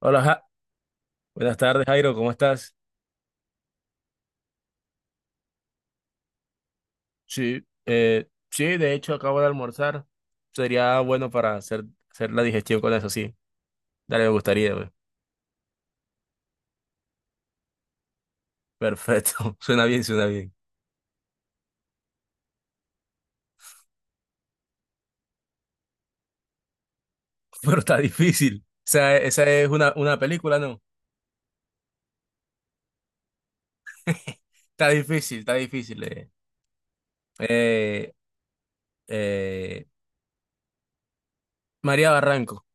Hola, Ja- Buenas tardes, Jairo, ¿cómo estás? Sí, sí, de hecho acabo de almorzar. Sería bueno para hacer la digestión con eso, sí. Dale, me gustaría, güey. Perfecto. Suena bien, suena bien. Pero está difícil. O sea, esa es una película, ¿no? Está difícil, está difícil. Eh, eh, María Barranco,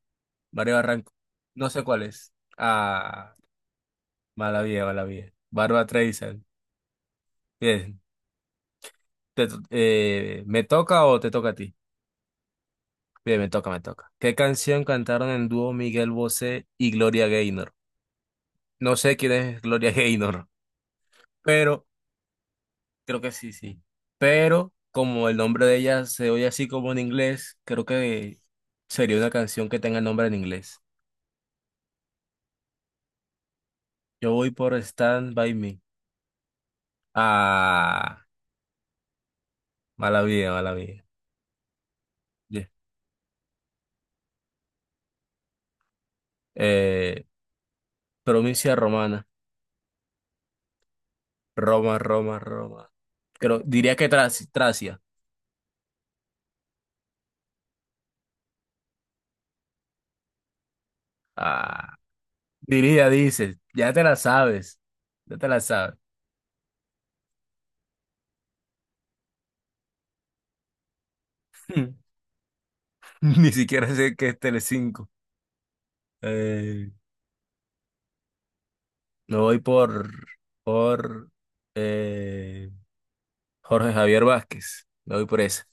María Barranco. No sé cuál es. Ah, mala vida, mala vida. Bárbara Streisand. Bien. ¿Me toca o te toca a ti? Bien, me toca, me toca. ¿Qué canción cantaron en dúo Miguel Bosé y Gloria Gaynor? No sé quién es Gloria Gaynor, pero creo que sí, sí. Pero como el nombre de ella se oye así como en inglés, creo que sería una canción que tenga el nombre en inglés. Yo voy por Stand By Me. Ah, mala vida, mala vida. Yeah. Eh, Provincia romana. Roma, Roma, Roma. Creo, diría que Tracia. Ah. Diría, dices, ya te la sabes, ya te la sabes. Ni siquiera sé qué es Telecinco. Eh, Me voy por eh, Jorge Javier Vázquez. Me voy por esa.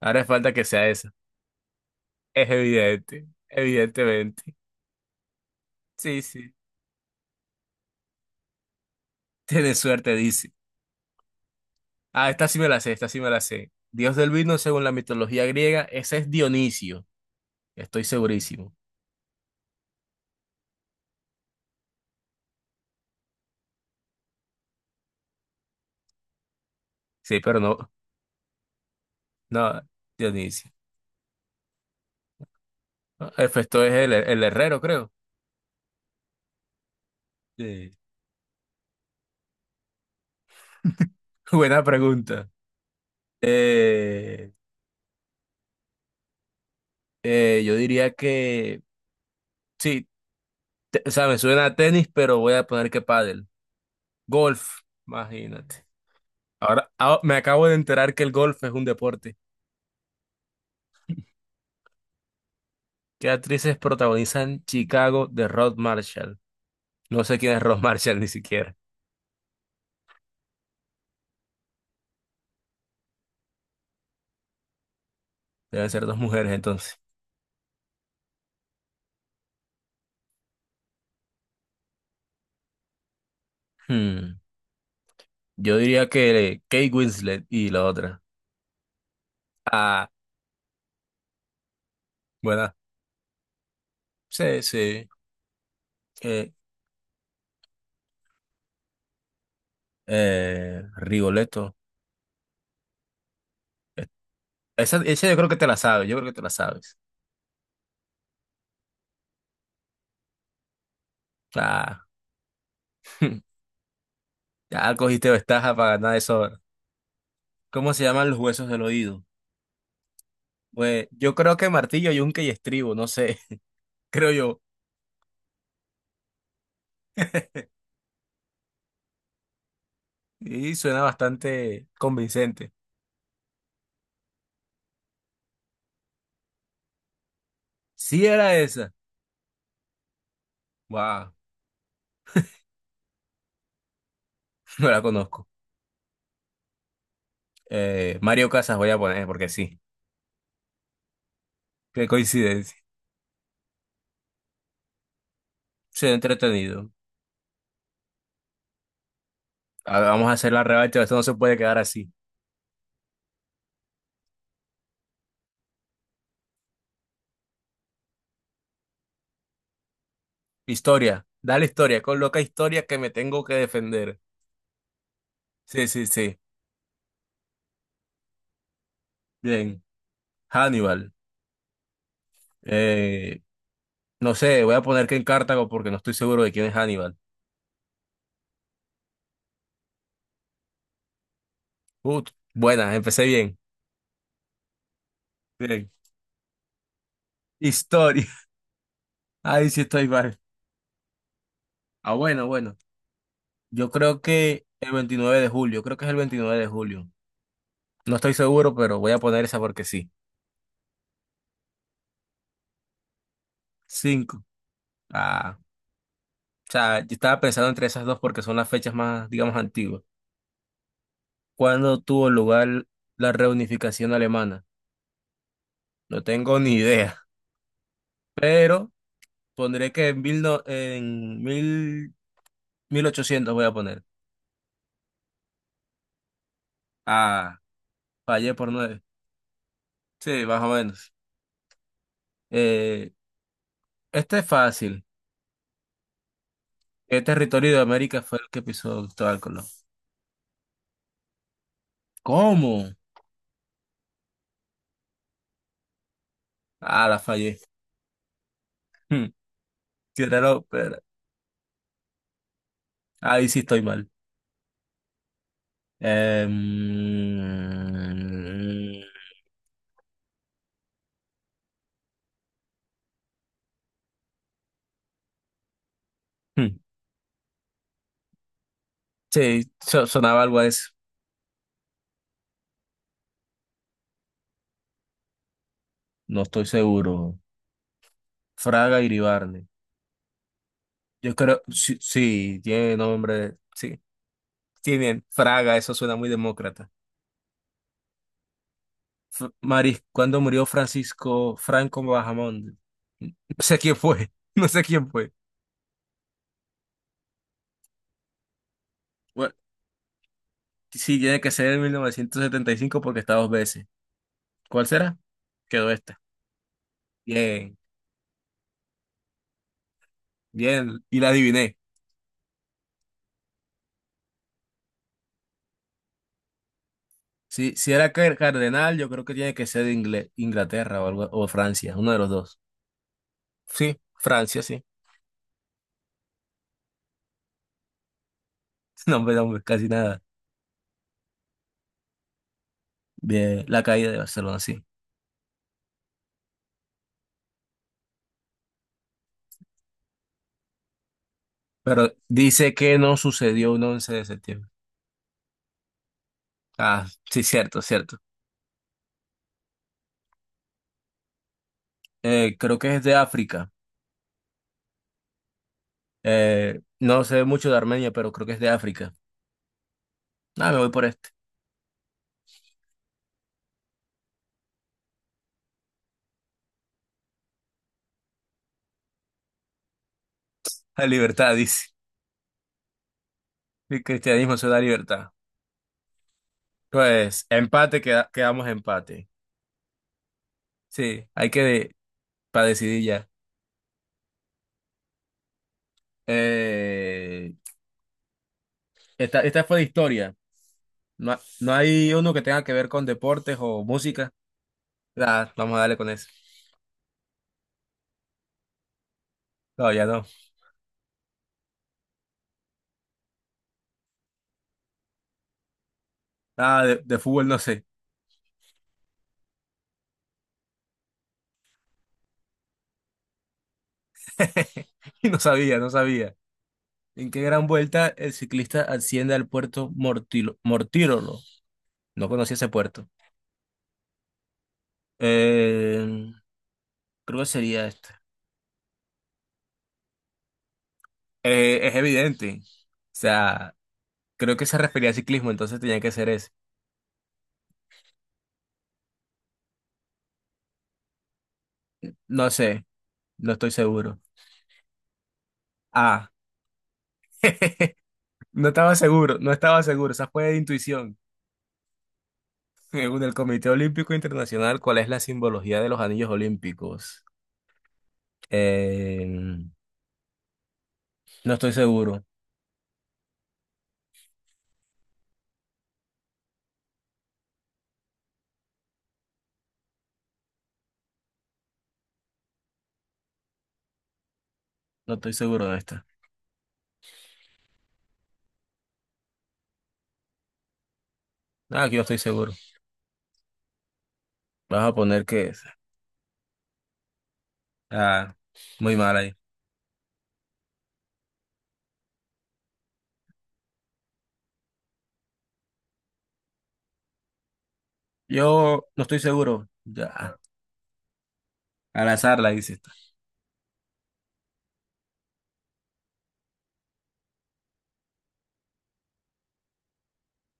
Ahora falta que sea esa. Es evidente, evidentemente. Sí, sí. Tienes suerte, dice. Ah, esta sí me la sé, esta sí me la sé. Dios del vino según la mitología griega, ese es Dionisio. Estoy segurísimo. Sí, pero no, no, Dionisio. Ah, esto es el herrero, creo. Sí, buena pregunta. Eh, yo diría que sí, o sea, me suena a tenis, pero voy a poner que pádel. Golf, imagínate. Ahora, me acabo de enterar que el golf es un deporte. ¿Qué actrices protagonizan Chicago de Rod Marshall? No sé quién es Rod Marshall ni siquiera. Deben ser dos mujeres entonces. Hmm, Yo diría que Kate Winslet y la otra. Ah, buena. Sí, sí. Eh, Rigoletto. Esa, yo creo que te la sabes, yo creo que te la sabes. Claro. Ya cogiste ventaja para ganar eso ahora. ¿Cómo se llaman los huesos del oído? Pues yo creo que martillo, yunque y estribo, no sé, creo yo. Y suena bastante convincente. Sí era esa. Wow, no la conozco. Mario Casas voy a poner porque sí. Qué coincidencia. Se entretenido. A ver, vamos a hacer la revancha, esto no se puede quedar así. Historia, dale historia, coloca historia que me tengo que defender. Sí, sí, sí. Bien. Hannibal. Eh, no sé, voy a poner que en Cartago porque no estoy seguro de quién es Hannibal. Ut, buena, empecé bien. Bien. Historia. Ahí sí estoy mal. Ah, bueno, bueno. Yo creo que el 29 de julio, creo que es el 29 de julio. No estoy seguro, pero voy a poner esa porque sí. Cinco. Ah, o sea, yo estaba pensando entre esas dos porque son las fechas más, digamos, antiguas. ¿Cuándo tuvo lugar la reunificación alemana? No tengo ni idea, pero pondré que en, mil no- en mil, 1800 voy a poner. Ah, fallé por nueve. Sí, más o menos. Eh, este es fácil. ¿Qué territorio de América fue el que pisó Cristóbal Colón? ¿Cómo? Ah, la fallé. Hmm, Qué raro, pero ahí sí estoy mal. Eh, mm, hmm, sí, sonaba algo a eso. No estoy seguro. Fraga Iribarne. Yo creo, sí, sí, tiene nombre. Sí, tiene Fraga, eso suena muy demócrata. Maris, cuando murió Francisco Franco Bahamonde. No sé quién fue, no sé quién fue. Bueno, sí, tiene que ser en 1975 porque está dos veces. ¿Cuál será? Quedó esta. Bien, bien, y la adiviné. Sí, si era cardenal, yo creo que tiene que ser de Inglaterra o algo, o Francia, uno de los dos. Sí, Francia, sí. No, hombre, no, hombre, casi nada. De la caída de Barcelona, sí. Pero dice que no sucedió un 11 de septiembre. Ah, sí, cierto, cierto. Creo que es de África. No sé mucho de Armenia, pero creo que es de África. Ah, me voy por este. La libertad, dice. El cristianismo se da libertad. Pues, empate, quedamos empate. Sí, hay que para decidir ya. Eh, esta fue de historia. No, no hay uno que tenga que ver con deportes o música. Ah, vamos a darle con eso. No, ya no. Ah, de fútbol no sé. No sabía, no sabía. ¿En qué gran vuelta el ciclista asciende al puerto Mortirolo? No conocía ese puerto. Eh, Creo que sería este. Es evidente. O sea, creo que se refería al ciclismo, entonces tenía que ser ese. No sé, no estoy seguro. Ah, no estaba seguro, no estaba seguro. Esa fue de intuición. Según el Comité Olímpico Internacional, ¿cuál es la simbología de los anillos olímpicos? Eh, no estoy seguro, no estoy seguro de esta. Ah, aquí no estoy seguro. Vamos a poner que. Ah, Muy mal ahí. Yo no estoy seguro. Ya. Al azar la hice.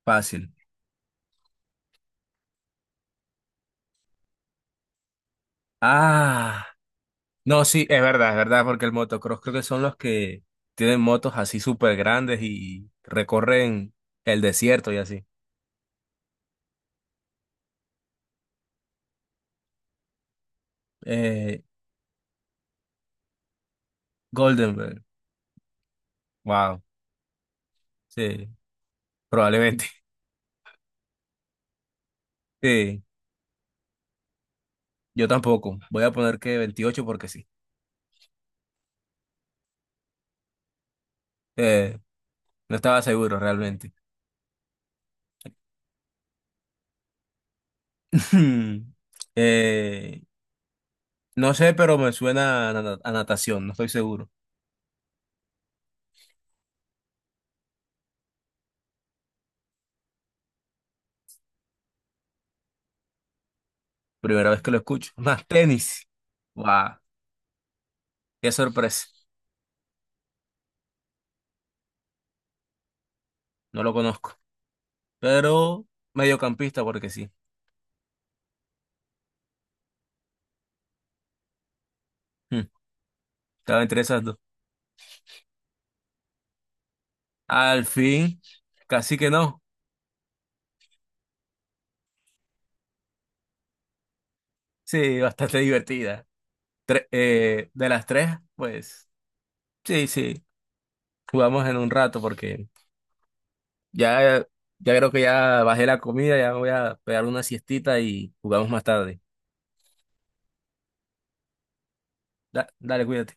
Fácil. Ah. No, sí, es verdad, porque el motocross creo que son los que tienen motos así súper grandes y recorren el desierto y así. Eh, Goldenberg. Wow. Sí, probablemente. Sí, yo tampoco. Voy a poner que 28 porque sí. Eh, no estaba seguro realmente. Eh, no sé, pero me suena a, a natación, no estoy seguro. Primera vez que lo escucho. Más tenis. Guau, qué sorpresa. No lo conozco. Pero mediocampista, porque sí. Hmm, Estaba entre esas dos. Al fin, casi que no. Sí, bastante divertida. De las tres, pues sí, sí. Jugamos en un rato porque ya, ya creo que ya bajé la comida, ya me voy a pegar una siestita y jugamos más tarde. Dale, cuídate.